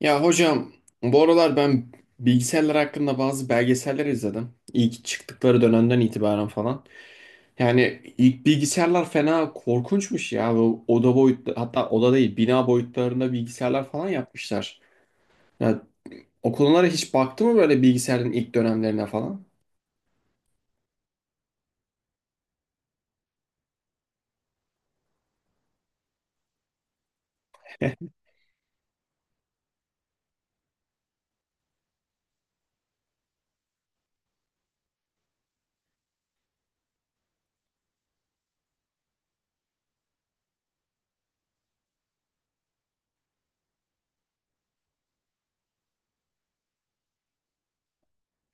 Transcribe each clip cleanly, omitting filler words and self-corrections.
Ya hocam, bu aralar ben bilgisayarlar hakkında bazı belgeseller izledim. İlk çıktıkları dönemden itibaren falan. Yani ilk bilgisayarlar fena korkunçmuş ya. Bu oda boyutlu, hatta oda değil bina boyutlarında bilgisayarlar falan yapmışlar. Ya, o konulara hiç baktı mı böyle, bilgisayarın ilk dönemlerine falan?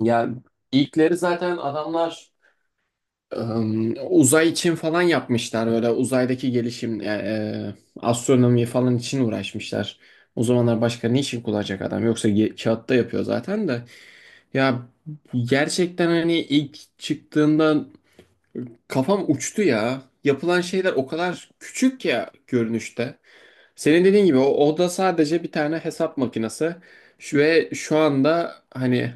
Ya, ilkleri zaten adamlar uzay için falan yapmışlar, böyle uzaydaki gelişim yani, astronomi falan için uğraşmışlar. O zamanlar başka ne için kullanacak adam? Yoksa kağıtta yapıyor zaten de. Ya, gerçekten hani ilk çıktığında kafam uçtu ya. Yapılan şeyler o kadar küçük ya görünüşte. Senin dediğin gibi o da sadece bir tane hesap makinesi. Ve şu anda hani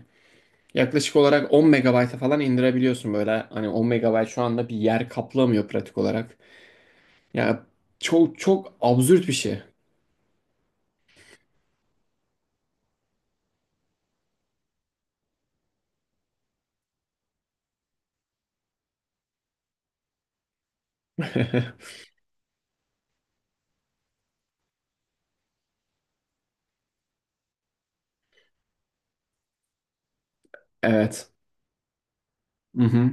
yaklaşık olarak 10 megabayta falan indirebiliyorsun böyle. Hani 10 megabayt şu anda bir yer kaplamıyor pratik olarak. Ya, çok çok absürt bir şey. Evet. Hı hı.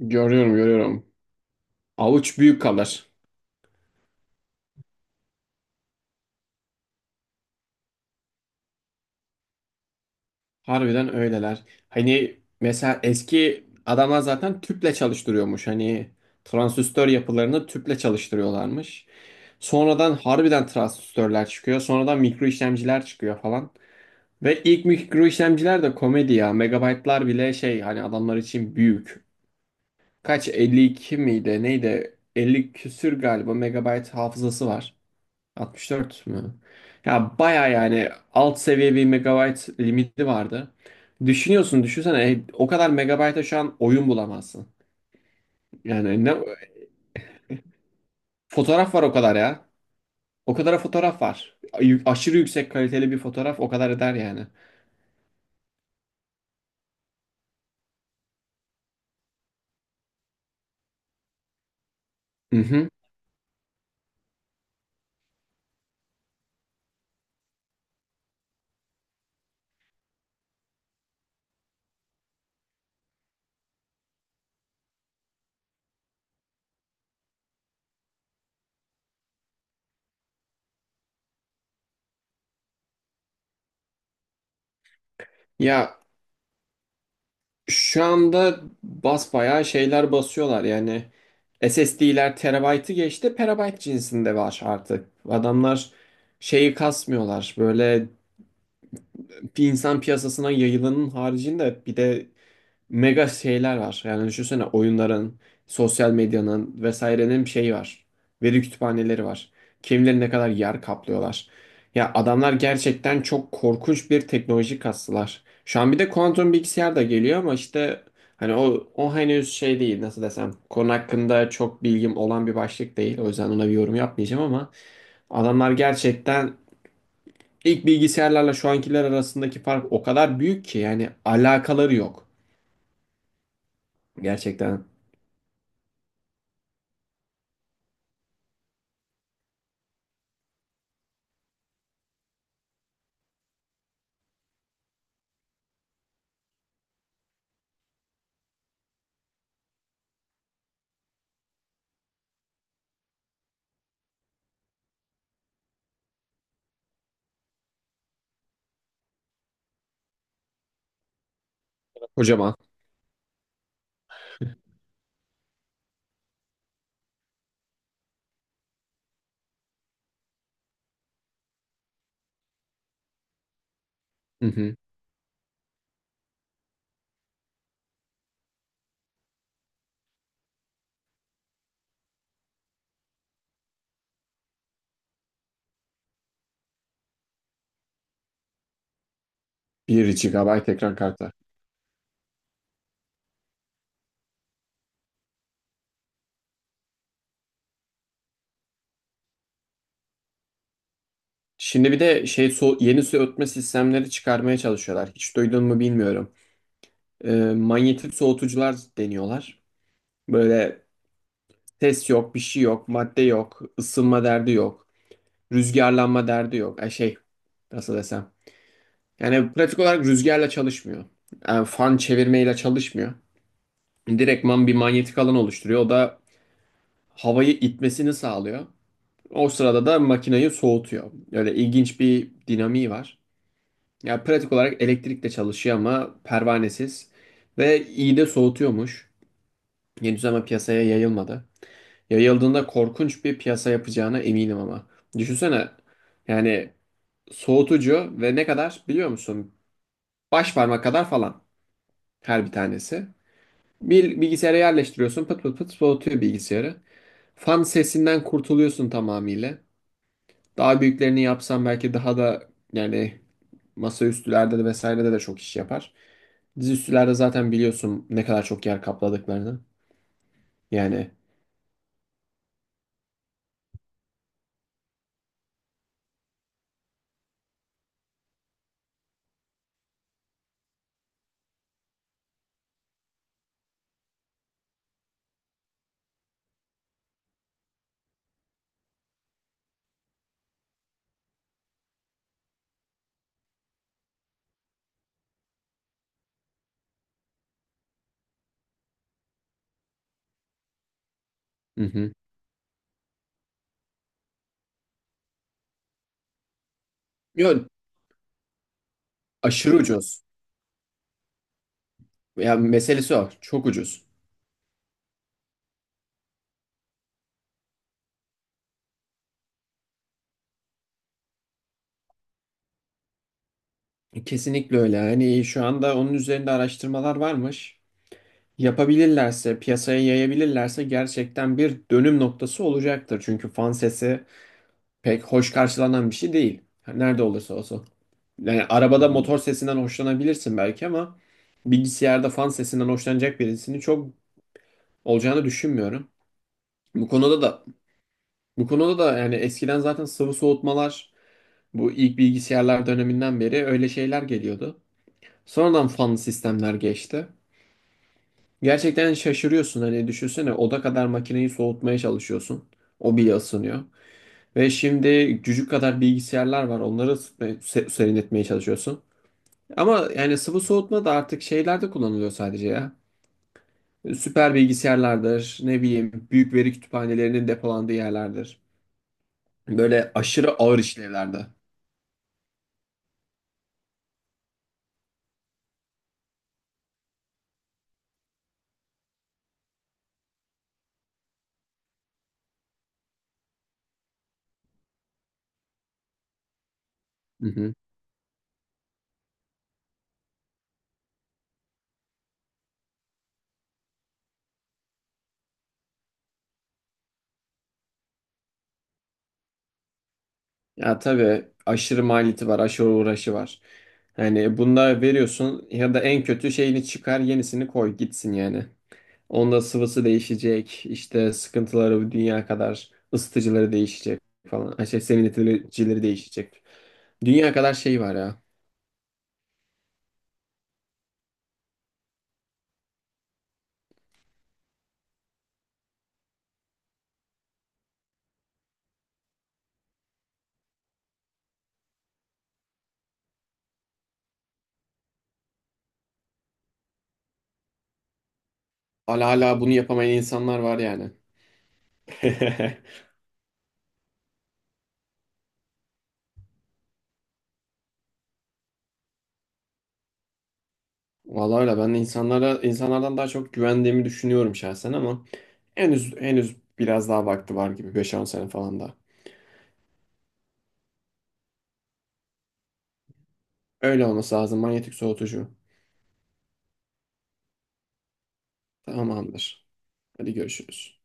Görüyorum, görüyorum. Avuç büyük kalır. Harbiden öyleler. Hani mesela eski adamlar zaten tüple çalıştırıyormuş. Hani transistör yapılarını tüple çalıştırıyorlarmış. Sonradan harbiden transistörler çıkıyor. Sonradan mikro işlemciler çıkıyor falan. Ve ilk mikro işlemciler de komedi ya. Megabaytlar bile şey hani, adamlar için büyük. Kaç, 52 miydi neydi? 50 küsür galiba megabayt hafızası var. 64 mü? Ya baya yani, alt seviye bir megabayt limiti vardı. Düşünüyorsun, düşünsene o kadar megabayta şu an oyun bulamazsın. Yani ne fotoğraf var o kadar ya. O kadar fotoğraf var. Aşırı yüksek kaliteli bir fotoğraf o kadar eder yani. Hı hı. Ya, şu anda basbayağı şeyler basıyorlar yani, SSD'ler terabaytı geçti, perabayt cinsinde var artık. Adamlar şeyi kasmıyorlar böyle, bir insan piyasasına yayılanın haricinde bir de mega şeyler var. Yani düşünsene, oyunların, sosyal medyanın vesairenin bir şeyi var. Veri kütüphaneleri var. Kimileri ne kadar yer kaplıyorlar. Ya adamlar gerçekten çok korkunç bir teknoloji kastılar. Şu an bir de kuantum bilgisayar da geliyor ama işte hani o henüz şey değil, nasıl desem. Konu hakkında çok bilgim olan bir başlık değil. O yüzden ona bir yorum yapmayacağım ama adamlar gerçekten ilk bilgisayarlarla şu ankiler arasındaki fark o kadar büyük ki, yani alakaları yok. Gerçekten. Kocaman. Hı hı. 1 GB ekran kartı. Şimdi bir de şey, yeni soğutma sistemleri çıkarmaya çalışıyorlar. Hiç duydun mu bilmiyorum. Manyetik soğutucular deniyorlar. Böyle ses yok, bir şey yok, madde yok, ısınma derdi yok, rüzgarlanma derdi yok. Ay şey, nasıl desem. Yani pratik olarak rüzgarla çalışmıyor. Yani fan çevirmeyle çalışmıyor. Direktman bir manyetik alan oluşturuyor. O da havayı itmesini sağlıyor. O sırada da makineyi soğutuyor. Öyle ilginç bir dinamiği var. Yani pratik olarak elektrikle çalışıyor ama pervanesiz. Ve iyi de soğutuyormuş. Henüz ama piyasaya yayılmadı. Yayıldığında korkunç bir piyasa yapacağına eminim ama. Düşünsene, yani soğutucu ve ne kadar biliyor musun? Baş parmak kadar falan her bir tanesi. Bir bilgisayara yerleştiriyorsun, pıt pıt pıt soğutuyor bilgisayarı. Fan sesinden kurtuluyorsun tamamıyla. Daha büyüklerini yapsam belki daha da yani masaüstülerde de vesairede de çok iş yapar. Dizüstülerde zaten biliyorsun ne kadar çok yer kapladıklarını. Yani hı hı. Yok, aşırı ucuz. Ya meselesi o. Çok ucuz. Kesinlikle öyle. Hani şu anda onun üzerinde araştırmalar varmış. Yapabilirlerse, piyasaya yayabilirlerse gerçekten bir dönüm noktası olacaktır. Çünkü fan sesi pek hoş karşılanan bir şey değil. Nerede olursa olsun. Yani arabada motor sesinden hoşlanabilirsin belki ama bilgisayarda fan sesinden hoşlanacak birisini çok olacağını düşünmüyorum. Bu konuda da Bu konuda da yani eskiden zaten sıvı soğutmalar, bu ilk bilgisayarlar döneminden beri öyle şeyler geliyordu. Sonradan fanlı sistemler geçti. Gerçekten şaşırıyorsun, hani düşünsene oda kadar makineyi soğutmaya çalışıyorsun. O bile ısınıyor. Ve şimdi cücük kadar bilgisayarlar var. Onları serinletmeye çalışıyorsun. Ama yani sıvı soğutma da artık şeylerde kullanılıyor sadece ya. Süper bilgisayarlardır, ne bileyim büyük veri kütüphanelerinin depolandığı yerlerdir. Böyle aşırı ağır işlevlerde. Hı hı. Ya tabii, aşırı maliyeti var, aşırı uğraşı var. Yani bunda veriyorsun ya da en kötü şeyini çıkar, yenisini koy gitsin yani. Onda sıvısı değişecek, işte sıkıntıları bu dünya kadar, ısıtıcıları değişecek falan. Ha şey, serinleticileri değişecek. Dünya kadar şey var ya. Hala bunu yapamayan insanlar var yani. Vallahi öyle, ben de insanlara insanlardan daha çok güvendiğimi düşünüyorum şahsen ama henüz biraz daha vakti var gibi, 5 10 sene falan da. Öyle olması lazım, manyetik soğutucu. Tamamdır. Hadi görüşürüz.